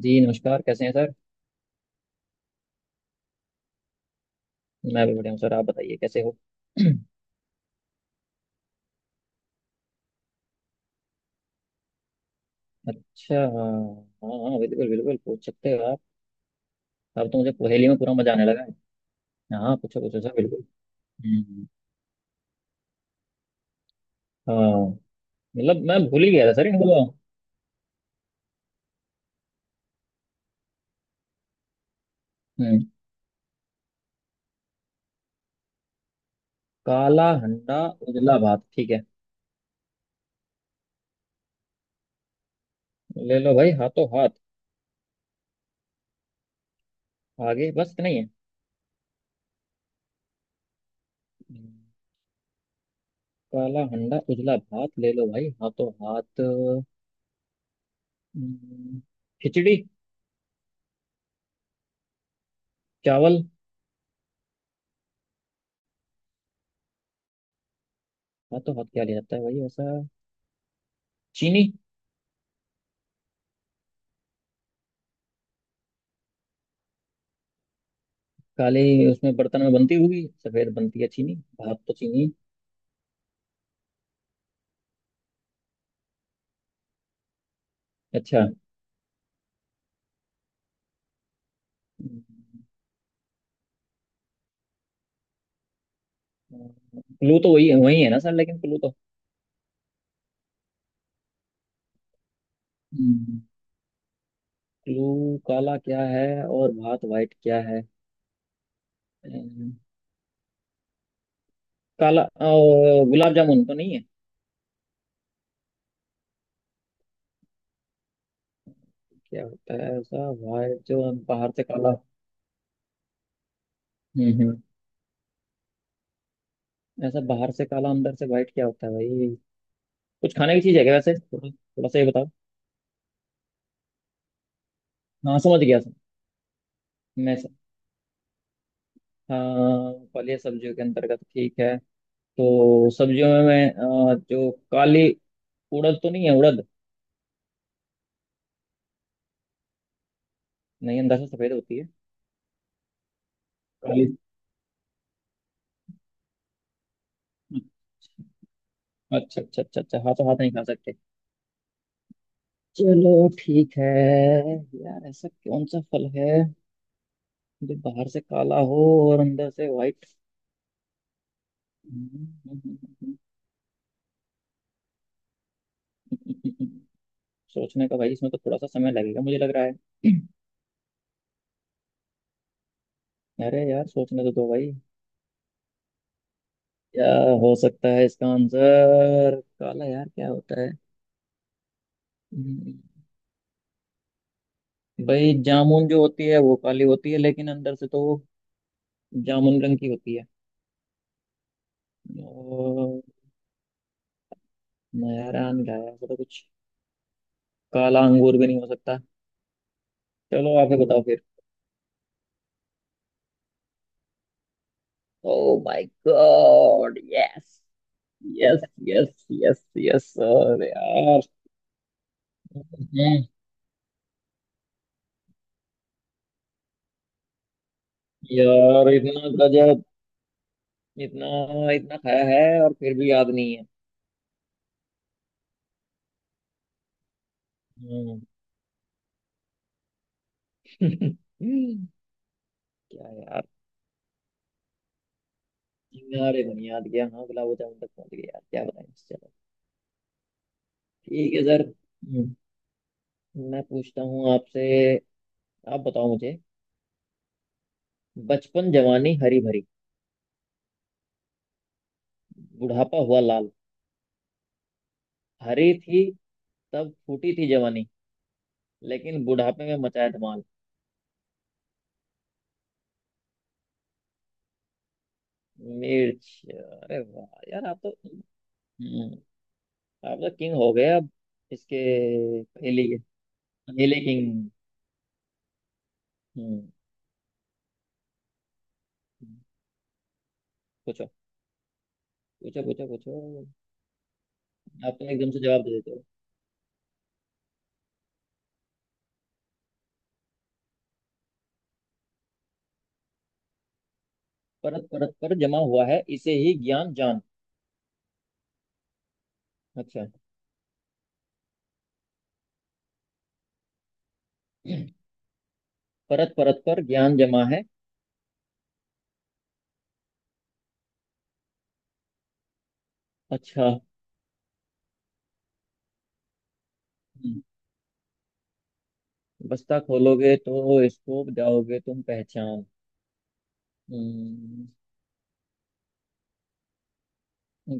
जी नमस्कार। कैसे हैं सर? मैं भी बढ़िया हूँ सर। आप बताइए कैसे हो। अच्छा हाँ। हाँ बिल्कुल बिल्कुल, पूछ सकते हो आप। अब तो मुझे पहेली में पूरा मजा आने लगा है। हाँ पूछो पूछो सर, बिल्कुल। हम्म। हाँ, मतलब मैं भूल ही गया था सर इनको तो। हम्म। काला हंडा उजला भात। ठीक है। ले लो भाई हाथों हाथ। आगे बस इतना ही है। हम्म। काला हंडा उजला भात, ले लो भाई हाथों हाथ। हम्म। खिचड़ी। चावल। हाथों हाथ क्या ले जाता है भाई ऐसा? चीनी। काली। उसमें बर्तन में बनती होगी, सफेद बनती है चीनी। भाप तो चीनी। अच्छा। क्लू तो वही वही है ना सर, लेकिन क्लू तो। क्लू। काला क्या है और भात वाइट क्या है? अम्म, काला गुलाब जामुन तो नहीं है? क्या होता है ऐसा, वाइट जो बाहर से काला? हम्म। ऐसा बाहर से काला अंदर से वाइट क्या होता है भाई? कुछ खाने की चीज है क्या वैसे? थोड़ा थोड़ा सा ये बताओ। हाँ समझ गया सर। मैं सर। हाँ फल या सब्जियों के अंतर्गत, ठीक है। तो सब्जियों में मैं जो काली उड़द तो नहीं है उड़द? नहीं, अंदर से सफेद होती है। काली। अच्छा अच्छा अच्छा अच्छा, हाँ तो हाथ नहीं खा सकते। चलो ठीक है। यार ऐसा कौन सा फल है जो बाहर से काला हो और अंदर से व्हाइट? सोचने का भाई इसमें तो, थोड़ा सा समय लगेगा मुझे लग रहा है। अरे यार सोचने तो दो भाई। क्या। हो सकता है इसका आंसर काला, यार क्या होता है? भाई जामुन जो होती है वो काली होती है, लेकिन अंदर से तो वो जामुन रंग की होती है। और नयारा अंधा है ऐसा तो कुछ। काला अंगूर भी नहीं हो सकता। चलो आप ही बताओ फिर। Oh my God yes. Yes. Yes yes yes, अरे यार। हम्म। यार इतना गजब। इतना। इतना खाया है और फिर भी याद नहीं है। हम्म। क्या यार। यार ये नहीं याद गया, हाँ गुलाब जामुन तक पहुंच गया यार, क्या बताएं चलो। ठीक है सर। मैं पूछता हूँ आपसे। आप बताओ मुझे। बचपन जवानी हरी भरी। बुढ़ापा हुआ लाल। हरी थी, तब फूटी थी जवानी। लेकिन बुढ़ापे में मचाया धमाल। मिर्च, अरे वाह यार आप तो। हम्म। आप तो किंग हो गए अब। इसके पहले के पहले किंग। हम्म। पूछो। पूछो पूछो पूछो। आप तो एकदम से जवाब दे देते हो। परत परत पर जमा हुआ है इसे ही ज्ञान जान। अच्छा। परत परत पर ज्ञान जमा है। अच्छा। हम्म। बस्ता खोलोगे तो स्कोप जाओगे तुम पहचान। हम्म।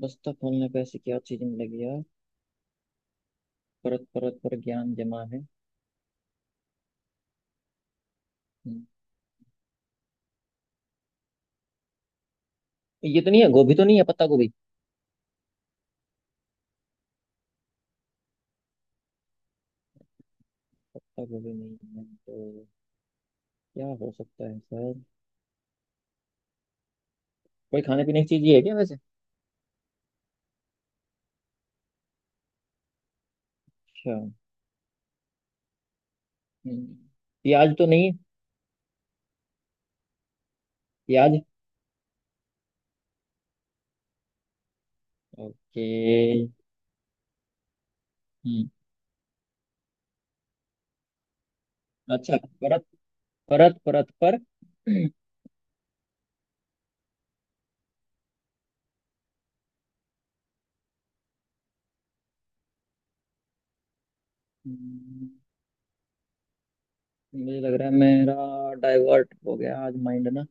बस्ता खोलने पे ऐसी क्या चीज मिलेगी यार? परत परत पर ज्ञान जमा है। हम्म। ये तो नहीं है, गोभी तो नहीं है पत्ता गोभी? पत्ता गोभी नहीं है तो क्या हो सकता है सर? कोई खाने पीने की चीज ही है क्या वैसे? अच्छा। हम्म। प्याज तो नहीं है? प्याज। ओके। हम्म। अच्छा परत परत परत पर। हम्म, मुझे लग रहा है मेरा डाइवर्ट हो गया आज माइंड ना।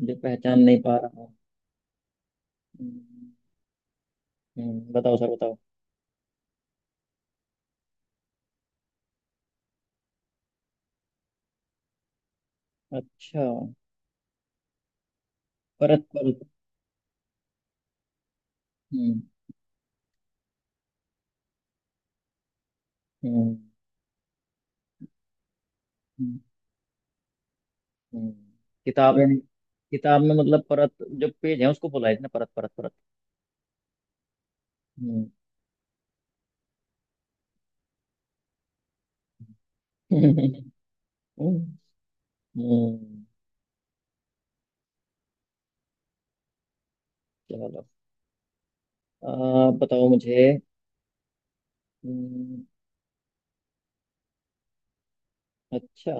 मुझे पहचान नहीं पा रहा। हम्म। बताओ सर बताओ। अच्छा परत परत। हम्म। हम्म। हम्म। हम्म। किताब यानी किताब में मतलब परत जो पेज है उसको बोला है इसने परत परत परत। हम्म। हम्म। हम्म। चलो आप बताओ मुझे। हम्म। अच्छा।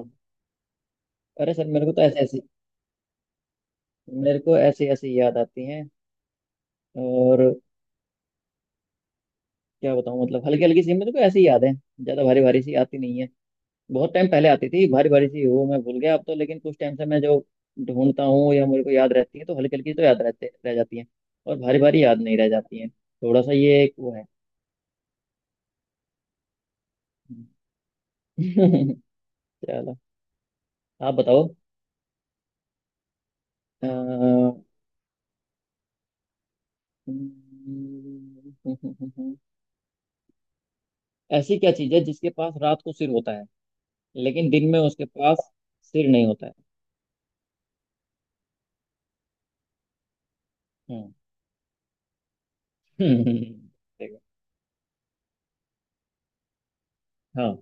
अरे सर मेरे को तो ऐसे ऐसी मेरे को ऐसी ऐसी याद आती हैं। और क्या बताऊं, मतलब हल्की हल्की सी मेरे को ऐसी याद है। ज्यादा भारी भारी सी आती नहीं है। बहुत टाइम पहले आती थी भारी भारी सी, वो मैं भूल गया अब तो। लेकिन कुछ टाइम से मैं जो ढूंढता हूँ या मेरे को याद रहती है, तो हल्की हल्की तो याद रहते रह जाती है और भारी भारी याद नहीं रह जाती है, थोड़ा सा ये एक वो है। चलो आप बताओ। अ, ऐसी क्या चीज है जिसके पास रात को सिर होता है, लेकिन दिन में उसके पास सिर नहीं होता है? हम्म। हम्म। देखो। हाँ।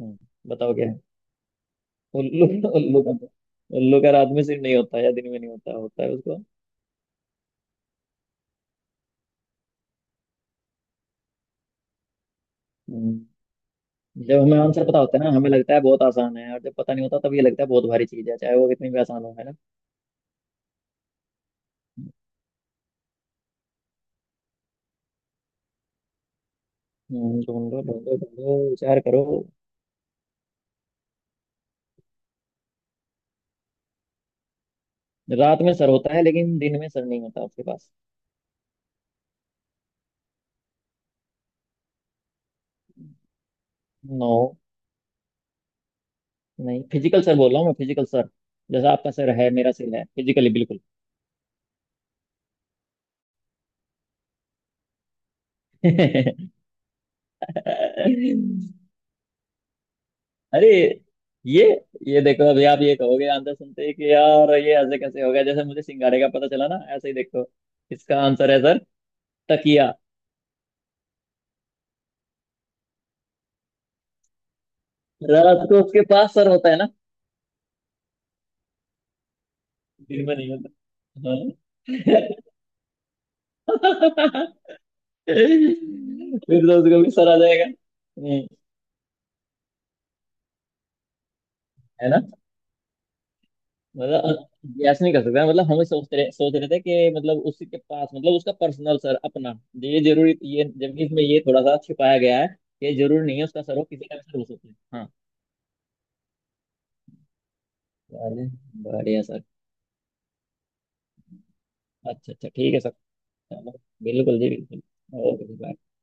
हम्म, बताओ क्या है? उल्लू। उल्लू का तो, उल्लू का रात में सिर नहीं होता या दिन में नहीं होता होता है उसको? हम्म। जब हमें आंसर पता होता है ना हमें लगता है बहुत आसान है, और जब पता नहीं होता तब ये लगता है बहुत भारी चीज है चाहे वो कितनी भी आसान हो, है ना? ढूंढो ढूंढो ढूंढो विचार करो। रात में सर होता है लेकिन दिन में सर नहीं होता आपके पास। नो। नहीं फिजिकल सर बोल रहा हूँ मैं, फिजिकल सर। जैसा आपका सर है मेरा सिर है फिजिकली बिल्कुल। अरे ये ये देखो अभी आप ये कहोगे आंसर सुनते ही कि यार ये ऐसे कैसे हो गया, जैसे मुझे सिंगाड़े का पता चला ना ऐसे ही देखो। इसका आंसर है सर। तकिया। रात को उसके पास सर होता है ना। दिन में नहीं होता। हाँ। फिर तो उसको भी सर आ जाएगा। हम्म। है ना? मतलब, गैस नहीं कर सकता मतलब हम सोच रहे थे कि मतलब उसी के पास मतलब उसका पर्सनल सर अपना तो ये जरूरी, ये जबकि इसमें ये थोड़ा सा छिपाया गया है। ये जरूरी नहीं है उसका सर हो, किसी का भी सर हो सकता है। हाँ। चलिए, बढ़िया सर। अच्छा अच्छा ठीक है सर। चलो। बिल्कुल जी बिल्कुल। ओके जी, bye।